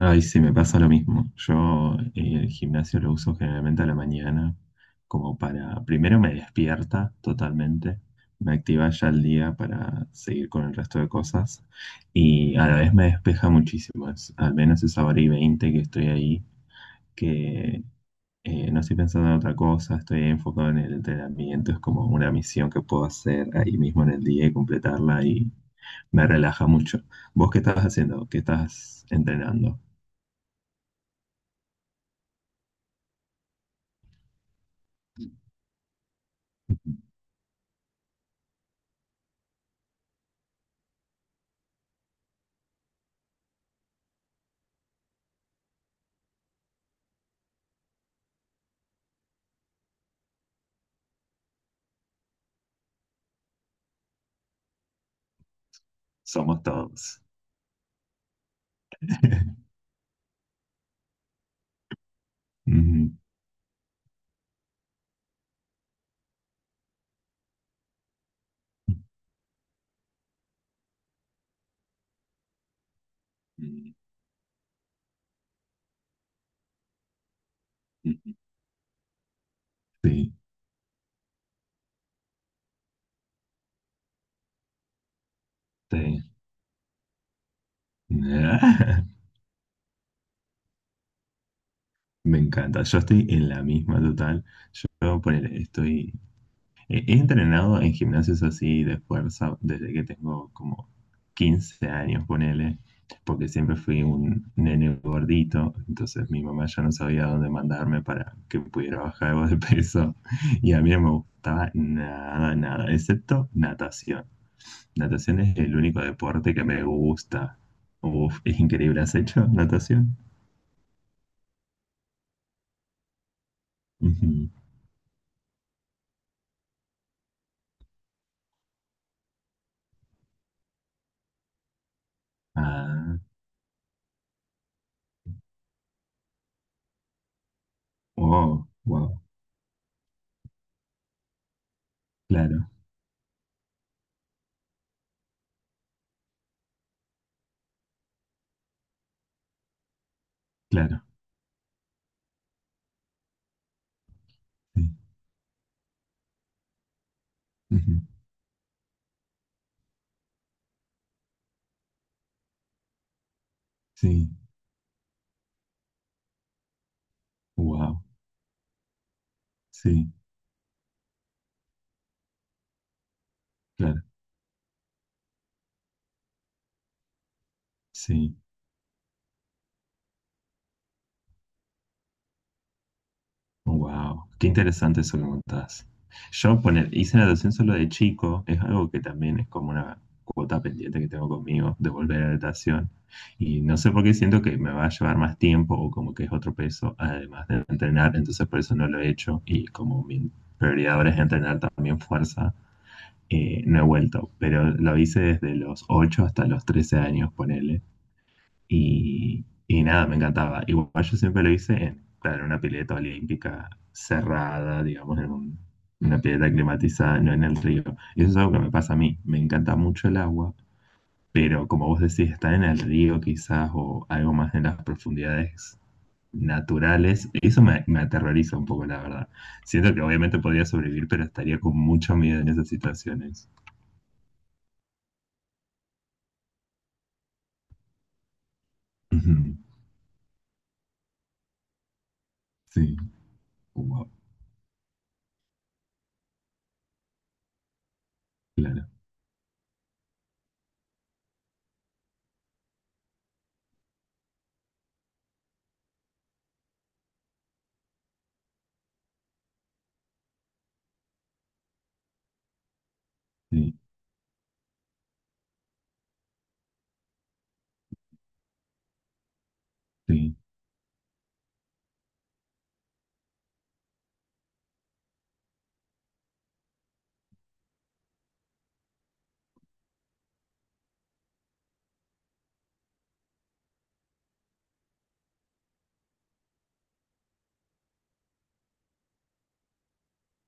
Ay, sí, me pasa lo mismo. Yo el gimnasio lo uso generalmente a la mañana, como para, primero me despierta totalmente, me activa ya el día para seguir con el resto de cosas y a la vez me despeja muchísimo, al menos esa hora y veinte que estoy ahí, que no estoy pensando en otra cosa, estoy enfocado en el entrenamiento, es como una misión que puedo hacer ahí mismo en el día y completarla y me relaja mucho. ¿Vos qué estás haciendo? ¿Qué estás entrenando? Somos todos. Ujú. Sí, sí. Ah, me encanta. Yo estoy en la misma total. Yo ponele, estoy. He entrenado en gimnasios así de fuerza desde que tengo como 15 años, ponele. Porque siempre fui un nene gordito. Entonces mi mamá ya no sabía dónde mandarme para que pudiera bajar algo de peso. Y a mí no me gustaba nada, nada, excepto natación. Natación es el único deporte que me gusta. Uf, es increíble, ¿has hecho natación? Ujú. Ah, wow, wow, claro, claro, sí, ujú, sí, wow, sí, claro, sí. Wow, qué interesante eso que contás. Hice natación solo de chico, es algo que también es como una cuota pendiente que tengo conmigo de volver a la natación. Y no sé por qué siento que me va a llevar más tiempo o como que es otro peso, además de entrenar, entonces por eso no lo he hecho. Y como mi prioridad ahora es entrenar también fuerza, no he vuelto. Pero lo hice desde los 8 hasta los 13 años, ponele. Y nada, me encantaba. Igual yo siempre lo hice en, claro, en una pileta olímpica cerrada, digamos, en una pileta climatizada, no en el río. Y eso es algo que me pasa a mí. Me encanta mucho el agua, pero como vos decís, estar en el río quizás o algo más en las profundidades naturales, eso me aterroriza un poco, la verdad. Siento que obviamente podría sobrevivir, pero estaría con mucho miedo en esas situaciones. Ujú. Sí, wow, claro, sí, sí,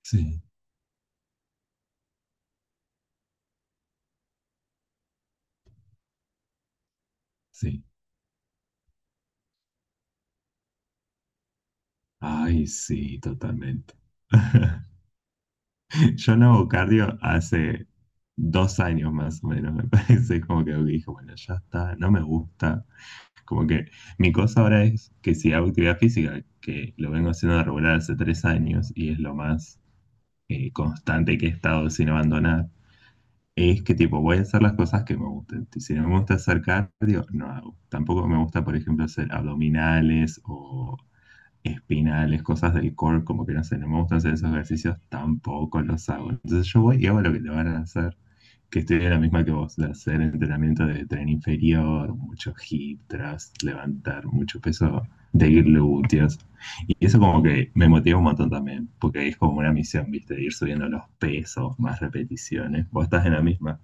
sí, sí. Ay, sí, totalmente. Yo no hago cardio hace 2 años más o menos, me parece, como que dije, bueno, ya está, no me gusta. Como que mi cosa ahora es que si hago actividad física, que lo vengo haciendo de regular hace 3 años y es lo más constante que he estado sin abandonar, es que tipo voy a hacer las cosas que me gusten. Si no me gusta hacer cardio, no hago. Tampoco me gusta, por ejemplo, hacer abdominales o espinales, cosas del core, como que no sé, no me gustan hacer esos ejercicios, tampoco los hago. Entonces yo voy y hago lo que te van a hacer, que estoy en la misma que vos, de hacer entrenamiento de tren inferior, mucho hip thrust, levantar mucho peso de glúteos. Y eso como que me motiva un montón también, porque ahí es como una misión, ¿viste? Ir subiendo los pesos, más repeticiones. Vos estás en la misma.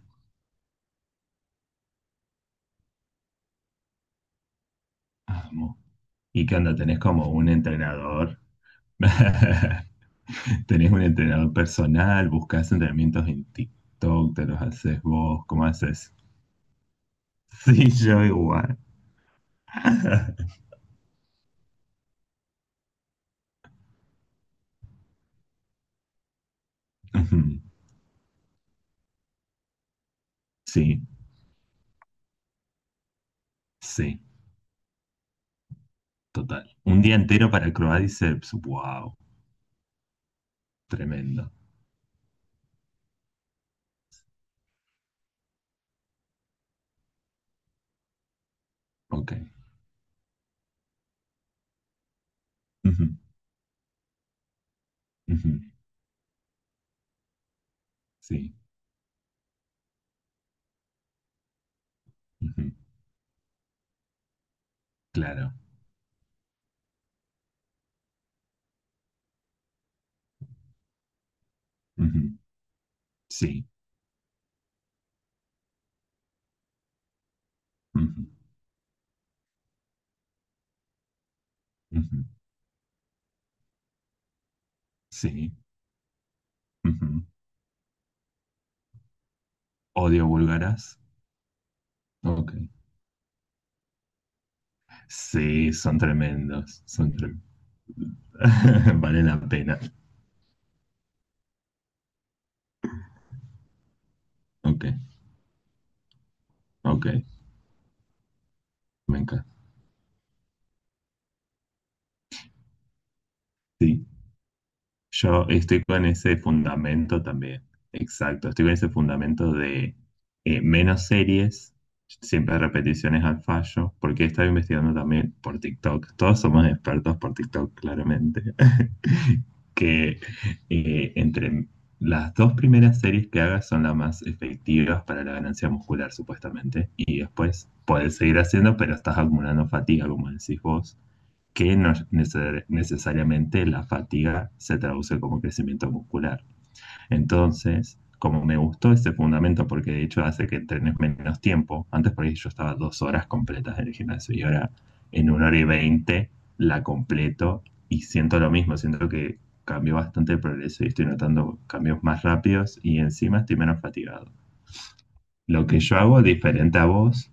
Amo. ¿Y qué onda? ¿Tenés como un entrenador? ¿Tenés un entrenador personal? ¿Buscás entrenamientos en TikTok? ¿Te los haces vos? ¿Cómo haces? Sí, yo igual. Ujú. Sí, sí, total. Un día entero para Croadiceps. Wow, tremendo. Ok. Ujú, ujú, sí. Ujú. Claro. Ujú. Sí. Ujú. Ujú. Sí. Ujú. Odio búlgaras. Ok. Sí, son tremendos. Son tremendos. Vale la pena. Ok. Ok. Me encanta. Sí. Yo estoy con ese fundamento también. Exacto, estoy con ese fundamento de menos series, siempre repeticiones al fallo, porque he estado investigando también por TikTok. Todos somos expertos por TikTok, claramente. Que entre las dos primeras series que hagas son las más efectivas para la ganancia muscular, supuestamente. Y después puedes seguir haciendo, pero estás acumulando fatiga, como decís vos que no necesariamente la fatiga se traduce como crecimiento muscular. Entonces, como me gustó ese fundamento, porque de hecho hace que entrenes menos tiempo, antes por ahí yo estaba 2 horas completas en el gimnasio y ahora en una hora y veinte la completo y siento lo mismo, siento que cambió bastante el progreso y estoy notando cambios más rápidos y encima estoy menos fatigado. Lo que yo hago diferente a vos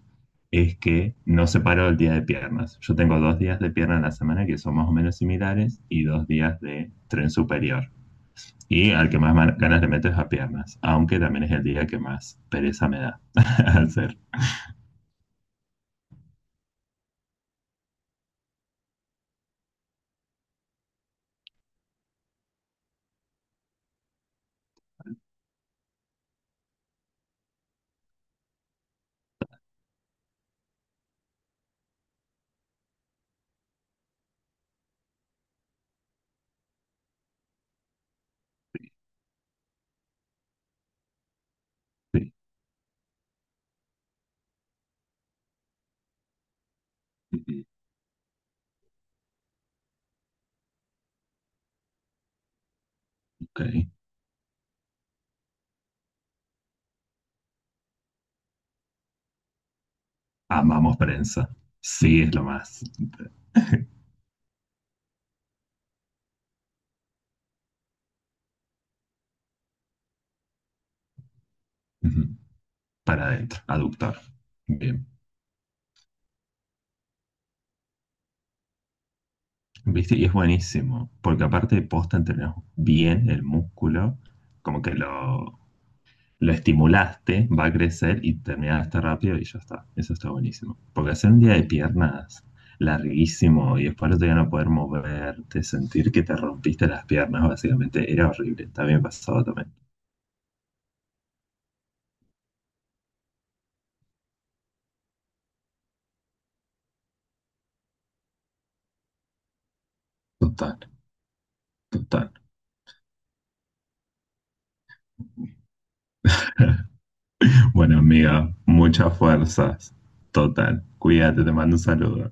es que no separo el día de piernas. Yo tengo 2 días de pierna en la semana que son más o menos similares y 2 días de tren superior. Y al que más ganas le meto es a piernas, aunque también es el día que más pereza me da hacer. Sí, ok. Amamos prensa. Sí, es lo más. Ujú. Para adentro, aductor. Bien. ¿Viste? Y es buenísimo, porque aparte de posta entrenas bien el músculo, como que lo estimulaste, va a crecer y terminaste rápido y ya está. Eso está buenísimo. Porque hacer un día de piernas larguísimo y después no te van a poder moverte, sentir que te rompiste las piernas, básicamente, era horrible. También pasaba también. Total, total. Bueno, amiga, muchas fuerzas. Total. Cuídate, te mando un saludo.